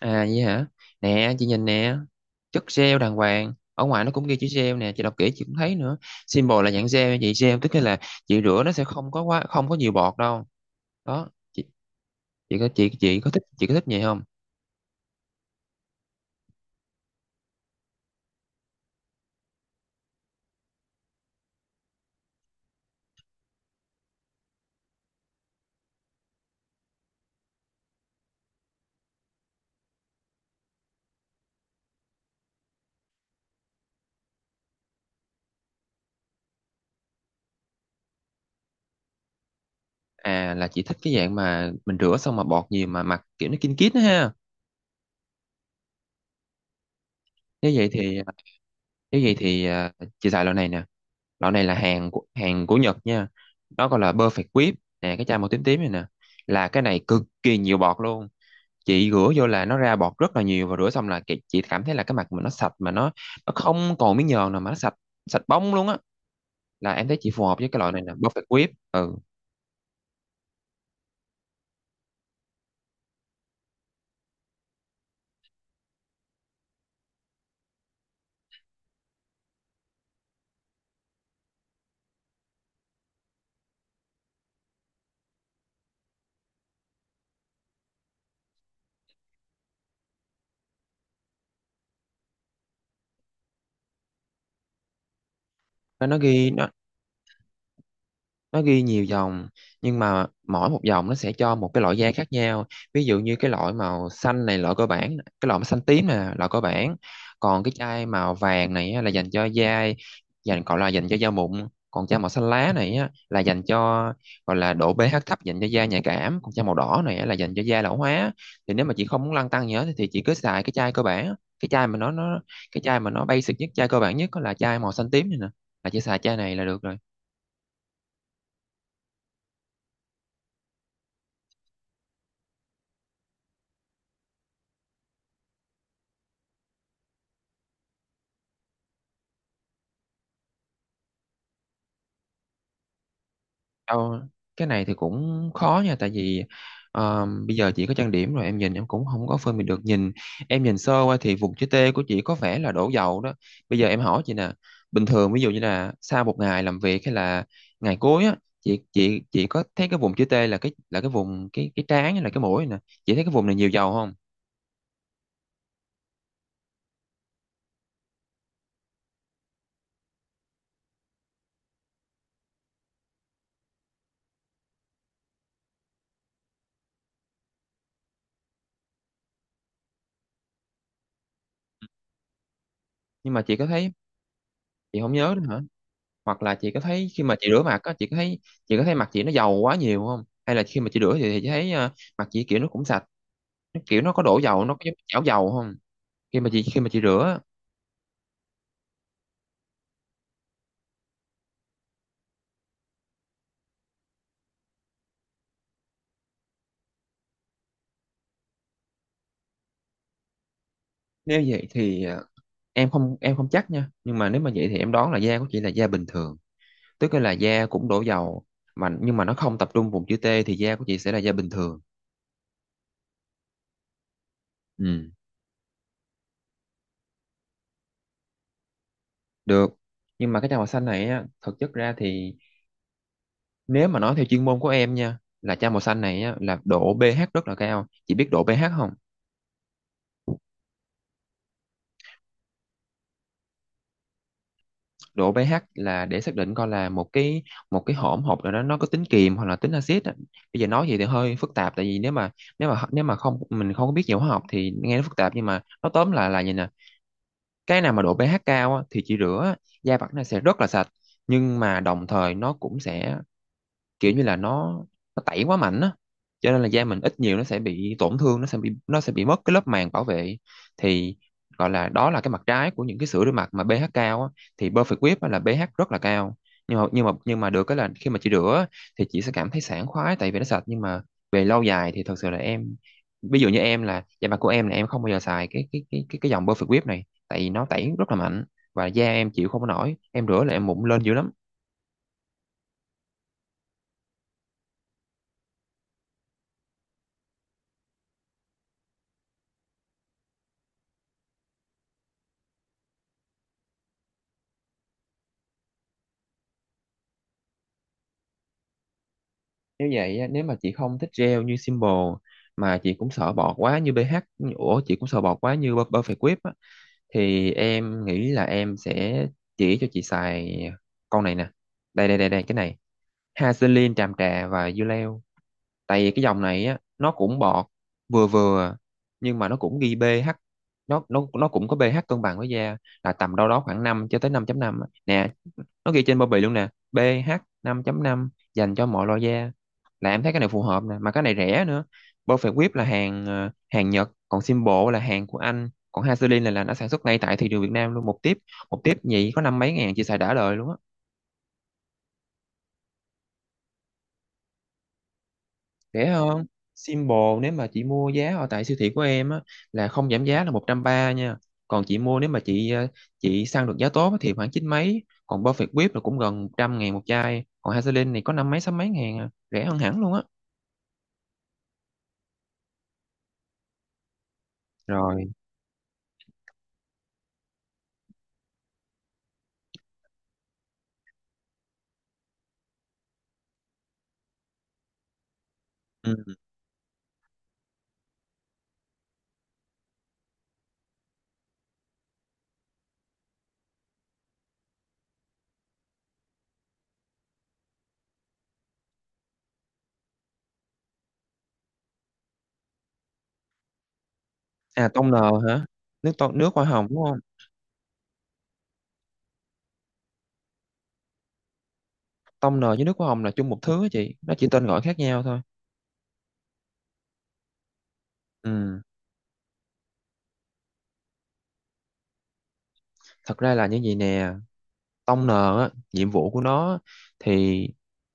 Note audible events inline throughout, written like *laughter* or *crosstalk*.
À vậy hả? Nè, chị nhìn nè. Chất gel đàng hoàng. Ở ngoài nó cũng ghi chữ gel nè, chị đọc kỹ chị cũng thấy nữa. Symbol là dạng gel nha chị, gel tức là chị rửa nó sẽ không có quá, không có nhiều bọt đâu. Đó. Chị có thích, chị có thích vậy không? À, là chị thích cái dạng mà mình rửa xong mà bọt nhiều mà mặt kiểu nó kinh kít đó ha. Như vậy thì, nếu vậy thì chị xài loại này nè. Loại này là hàng của Nhật nha. Nó gọi là Perfect Whip. Nè, cái chai màu tím tím này nè. Là cái này cực kỳ nhiều bọt luôn. Chị rửa vô là nó ra bọt rất là nhiều, và rửa xong là chị cảm thấy là cái mặt mình nó sạch mà nó không còn miếng nhờn nào mà nó sạch, sạch bóng luôn á. Là em thấy chị phù hợp với cái loại này là Perfect Whip. Ừ, nó nó ghi nó nó ghi nhiều dòng, nhưng mà mỗi một dòng nó sẽ cho một cái loại da khác nhau. Ví dụ như cái loại màu xanh này loại cơ bản, cái loại màu xanh tím này là loại cơ bản, còn cái chai màu vàng này á, là dành cho da, dành gọi là dành cho da mụn. Còn chai màu xanh lá này á, là dành cho, gọi là độ pH thấp, dành cho da nhạy cảm. Còn chai màu đỏ này á, là dành cho da lão hóa. Thì nếu mà chị không muốn lăn tăn gì hết thì chị cứ xài cái chai cơ bản, cái chai mà nó nó cái chai mà nó basic nhất, chai cơ bản nhất, đó là chai màu xanh tím này nè, là chị xài chai này là được rồi. Đâu, cái này thì cũng khó nha, tại vì bây giờ chị có trang điểm rồi em nhìn em cũng không có phân biệt được. Em nhìn sơ qua thì vùng chữ T của chị có vẻ là đổ dầu đó. Bây giờ em hỏi chị nè, bình thường ví dụ như là sau một ngày làm việc hay là ngày cuối á, chị có thấy cái vùng chữ T là cái vùng cái trán hay là cái mũi nè, chị thấy cái vùng này nhiều dầu không? Nhưng mà chị có thấy, chị không nhớ nữa hả? Hoặc là chị có thấy khi mà chị rửa mặt á, chị có thấy, chị có thấy mặt chị nó dầu quá nhiều không, hay là khi mà chị rửa thì chị thấy mặt chị kiểu nó cũng sạch, kiểu nó có đổ dầu, nó có giống chảo dầu không? Khi mà chị rửa á, nếu vậy thì em không chắc nha, nhưng mà nếu mà vậy thì em đoán là da của chị là da bình thường, tức là da cũng đổ dầu mà nhưng mà nó không tập trung vùng chữ T, thì da của chị sẽ là da bình thường. Ừ, được, nhưng mà cái chai màu xanh này á thực chất ra thì, nếu mà nói theo chuyên môn của em nha, là chai màu xanh này á là độ pH rất là cao. Chị biết độ pH không? Độ pH là để xác định coi là một cái hỗn hợp nào đó nó có tính kiềm hoặc là tính axit á. Bây giờ nói vậy thì hơi phức tạp, tại vì nếu mà không mình không có biết về hóa học thì nghe nó phức tạp, nhưng mà nó tóm lại là như nè: cái nào mà độ pH cao á, thì chỉ rửa da mặt nó sẽ rất là sạch, nhưng mà đồng thời nó cũng sẽ, kiểu như là nó tẩy quá mạnh á, cho nên là da mình ít nhiều nó sẽ bị tổn thương, nó sẽ bị, mất cái lớp màng bảo vệ. Thì gọi là, đó là cái mặt trái của những cái sữa rửa mặt mà pH cao á. Thì Perfect Whip á là pH rất là cao, nhưng mà được cái là khi mà chị rửa á, thì chị sẽ cảm thấy sảng khoái tại vì nó sạch, nhưng mà về lâu dài thì thật sự là em, ví dụ như em, là da mặt của em là em không bao giờ xài cái dòng Perfect Whip này, tại vì nó tẩy rất là mạnh và da em chịu không có nổi, em rửa là em mụn lên dữ lắm. Nếu vậy á, nếu mà chị không thích gel như Simple, mà chị cũng sợ bọt quá như BH, ủa, chị cũng sợ bọt quá như Perfect Whip á, thì em nghĩ là em sẽ chỉ cho chị xài con này nè. Đây đây đây đây, cái này. Vaseline tràm trà và dưa leo. Tại vì cái dòng này á nó cũng bọt vừa vừa, nhưng mà nó cũng ghi pH, nó cũng có pH cân bằng với da, là tầm đâu đó khoảng 5 cho tới 5.5 á. Nè, nó ghi trên bao bì luôn nè, pê hát năm chấm năm, dành cho mọi loại da. Là em thấy cái này phù hợp nè, mà cái này rẻ nữa. Perfect Whip là hàng Nhật, còn Symbol là hàng của Anh, còn Vaseline là nó sản xuất ngay tại thị trường Việt Nam luôn. Một tiếp nhị có năm mấy ngàn, chị xài đã đời luôn á. Rẻ hơn Symbol. Nếu mà chị mua giá ở tại siêu thị của em á, là không giảm giá là 130 nha. Còn chị mua, nếu mà chị chị săn được giá tốt á thì khoảng chín mấy. Còn Perfect Whip là cũng gần 100.000 một chai. Còn Vaseline thì có năm mấy sáu mấy ngàn à, rẻ hơn hẳn luôn á. Rồi. Ừm. À, tông nờ hả? Nước tông, nước hoa hồng đúng không? Tông nờ với nước hoa hồng là chung một thứ á chị, nó chỉ tên gọi khác nhau thôi. Ừm, thật ra là như vậy nè, Tông N á, nhiệm vụ của nó thì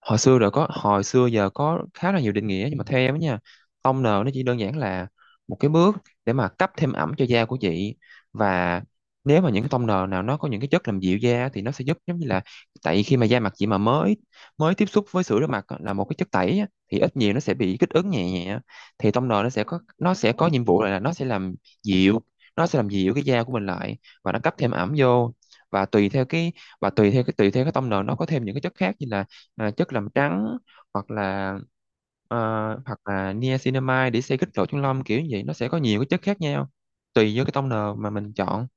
hồi xưa rồi có, hồi xưa giờ có khá là nhiều định nghĩa, nhưng mà theo em á nha, Tông N nó chỉ đơn giản là một cái bước để mà cấp thêm ẩm cho da của chị. Và nếu mà những cái tông N nào nó có những cái chất làm dịu da thì nó sẽ giúp, giống như là tại khi mà da mặt chị mà mới mới tiếp xúc với sữa rửa mặt á, là một cái chất tẩy á, thì ít nhiều nó sẽ bị kích ứng nhẹ nhẹ. Thì tông N nó sẽ có nhiệm vụ là nó sẽ làm dịu, nó sẽ làm dịu cái da của mình lại, và nó cấp thêm ẩm vô. Và tùy theo cái tông nền, nó có thêm những cái chất khác như là chất làm trắng, hoặc là ờ, hoặc là niacinamide để xây kích lỗ chân lông kiểu như vậy, nó sẽ có nhiều cái chất khác nhau tùy vô cái tông nền mà mình chọn.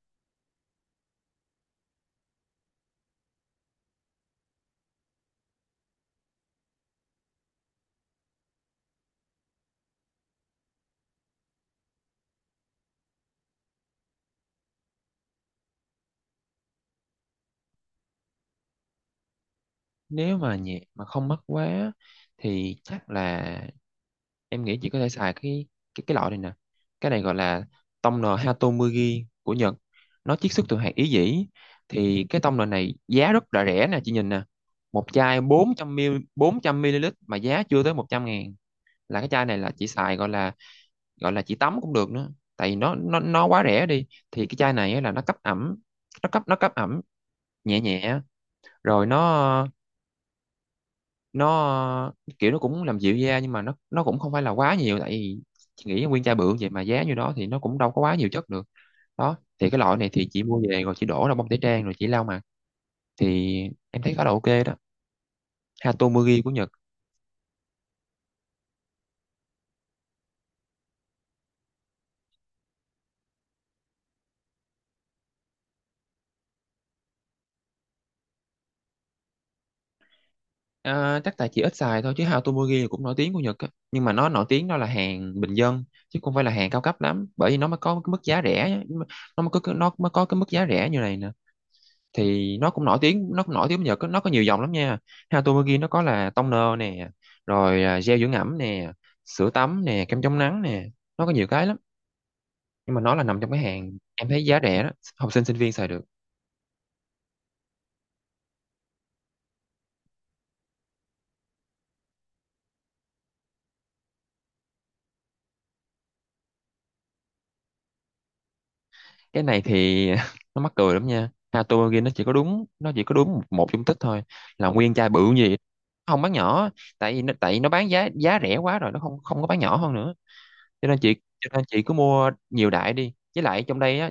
Nếu mà nhẹ mà không mất quá, thì chắc là em nghĩ chị có thể xài cái, cái loại này nè. Cái này gọi là tông nồi Hatomugi của Nhật, nó chiết xuất từ hạt ý dĩ. Thì cái tông nồi này giá rất là rẻ nè, chị nhìn nè, một chai 400 ml. 400 ml mà giá chưa tới 100.000. Là cái chai này là chị xài, gọi là, gọi là chị tắm cũng được nữa, tại vì nó quá rẻ đi. Thì cái chai này á là nó cấp ẩm, nó cấp ẩm nhẹ nhẹ. Rồi nó kiểu nó cũng làm dịu da, nhưng mà nó cũng không phải là quá nhiều, tại vì chị nghĩ nguyên chai bự vậy mà giá như đó thì nó cũng đâu có quá nhiều chất được. Đó, thì cái loại này thì chị mua về rồi chị đổ ra bông tẩy trang rồi chị lau mặt. Thì em thấy khá là ok đó. Hatomugi của Nhật. À, chắc tại chị ít xài thôi, chứ Hatomugi cũng nổi tiếng của Nhật á, nhưng mà nó nổi tiếng đó là hàng bình dân chứ không phải là hàng cao cấp lắm, bởi vì nó mới có cái mức giá rẻ á, nó mới có cái mức giá rẻ như này nè. Thì nó cũng nổi tiếng nhờ nó có nhiều dòng lắm nha. Hatomugi nó có là toner nè, rồi gel dưỡng ẩm nè, sữa tắm nè, kem chống nắng nè, nó có nhiều cái lắm, nhưng mà nó là nằm trong cái hàng em thấy giá rẻ đó, học sinh sinh viên xài được. Cái này thì *laughs* nó mắc cười lắm nha, Hatomugi nó chỉ có đúng một một dung tích thôi, là nguyên chai bự gì, không bán nhỏ, tại vì nó bán giá giá rẻ quá rồi nó không không có bán nhỏ hơn nữa. cho nên chị cho nên chị cứ mua nhiều đại đi, với lại trong đây á,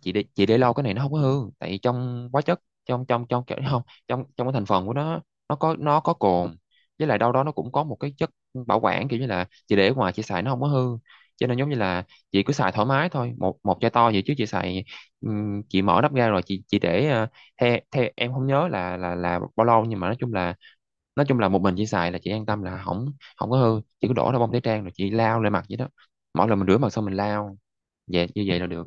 chị để lâu cái này nó không có hư, tại vì trong hóa chất, trong trong trong kiểu *laughs* không, trong trong cái thành phần của nó, nó có cồn, với lại đâu đó nó cũng có một cái chất bảo quản, kiểu như là chị để ở ngoài chị xài nó không có hư. Cho nên giống như là chị cứ xài thoải mái thôi, một một chai to vậy chứ chị xài. Ừm, chị mở nắp ra rồi chị để theo theo em không nhớ là bao lâu, nhưng mà nói chung là một mình chị xài là chị an tâm là không, không có hư. Chị cứ đổ ra bông tẩy trang rồi chị lao lên mặt vậy đó, mỗi lần mình rửa mặt xong mình lao vậy, như vậy là được.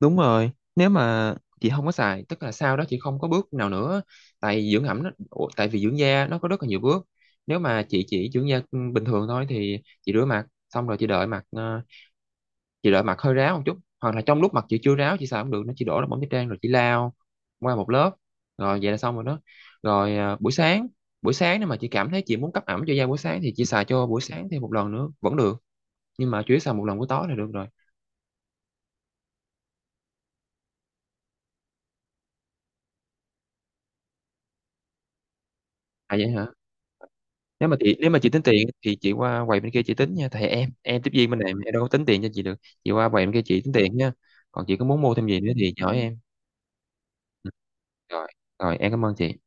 Đúng rồi, nếu mà chị không có xài, tức là sau đó chị không có bước nào nữa, tại dưỡng ẩm nó, ủa, tại vì dưỡng da nó có rất là nhiều bước. Nếu mà chị chỉ dưỡng da ừ, bình thường thôi, thì chị rửa mặt, xong rồi chị đợi mặt, chị đợi mặt hơi ráo một chút, hoặc là trong lúc mặt chị chưa ráo chị xài không được, nó chỉ đổ ra bóng tẩy trang rồi chị lao qua một lớp, rồi vậy là xong rồi đó. Rồi buổi sáng nếu mà chị cảm thấy chị muốn cấp ẩm cho da buổi sáng thì chị xài cho buổi sáng thêm một lần nữa vẫn được, nhưng mà chủ yếu xài một lần buổi tối là được rồi. À vậy hả? Nếu mà chị tính tiền thì chị qua quầy bên kia chị tính nha, thầy em tiếp viên bên này em đâu có tính tiền cho chị được. Chị qua quầy bên kia chị tính tiền nha, còn chị có muốn mua thêm gì nữa thì chị hỏi em. Ừ, rồi rồi, em cảm ơn chị.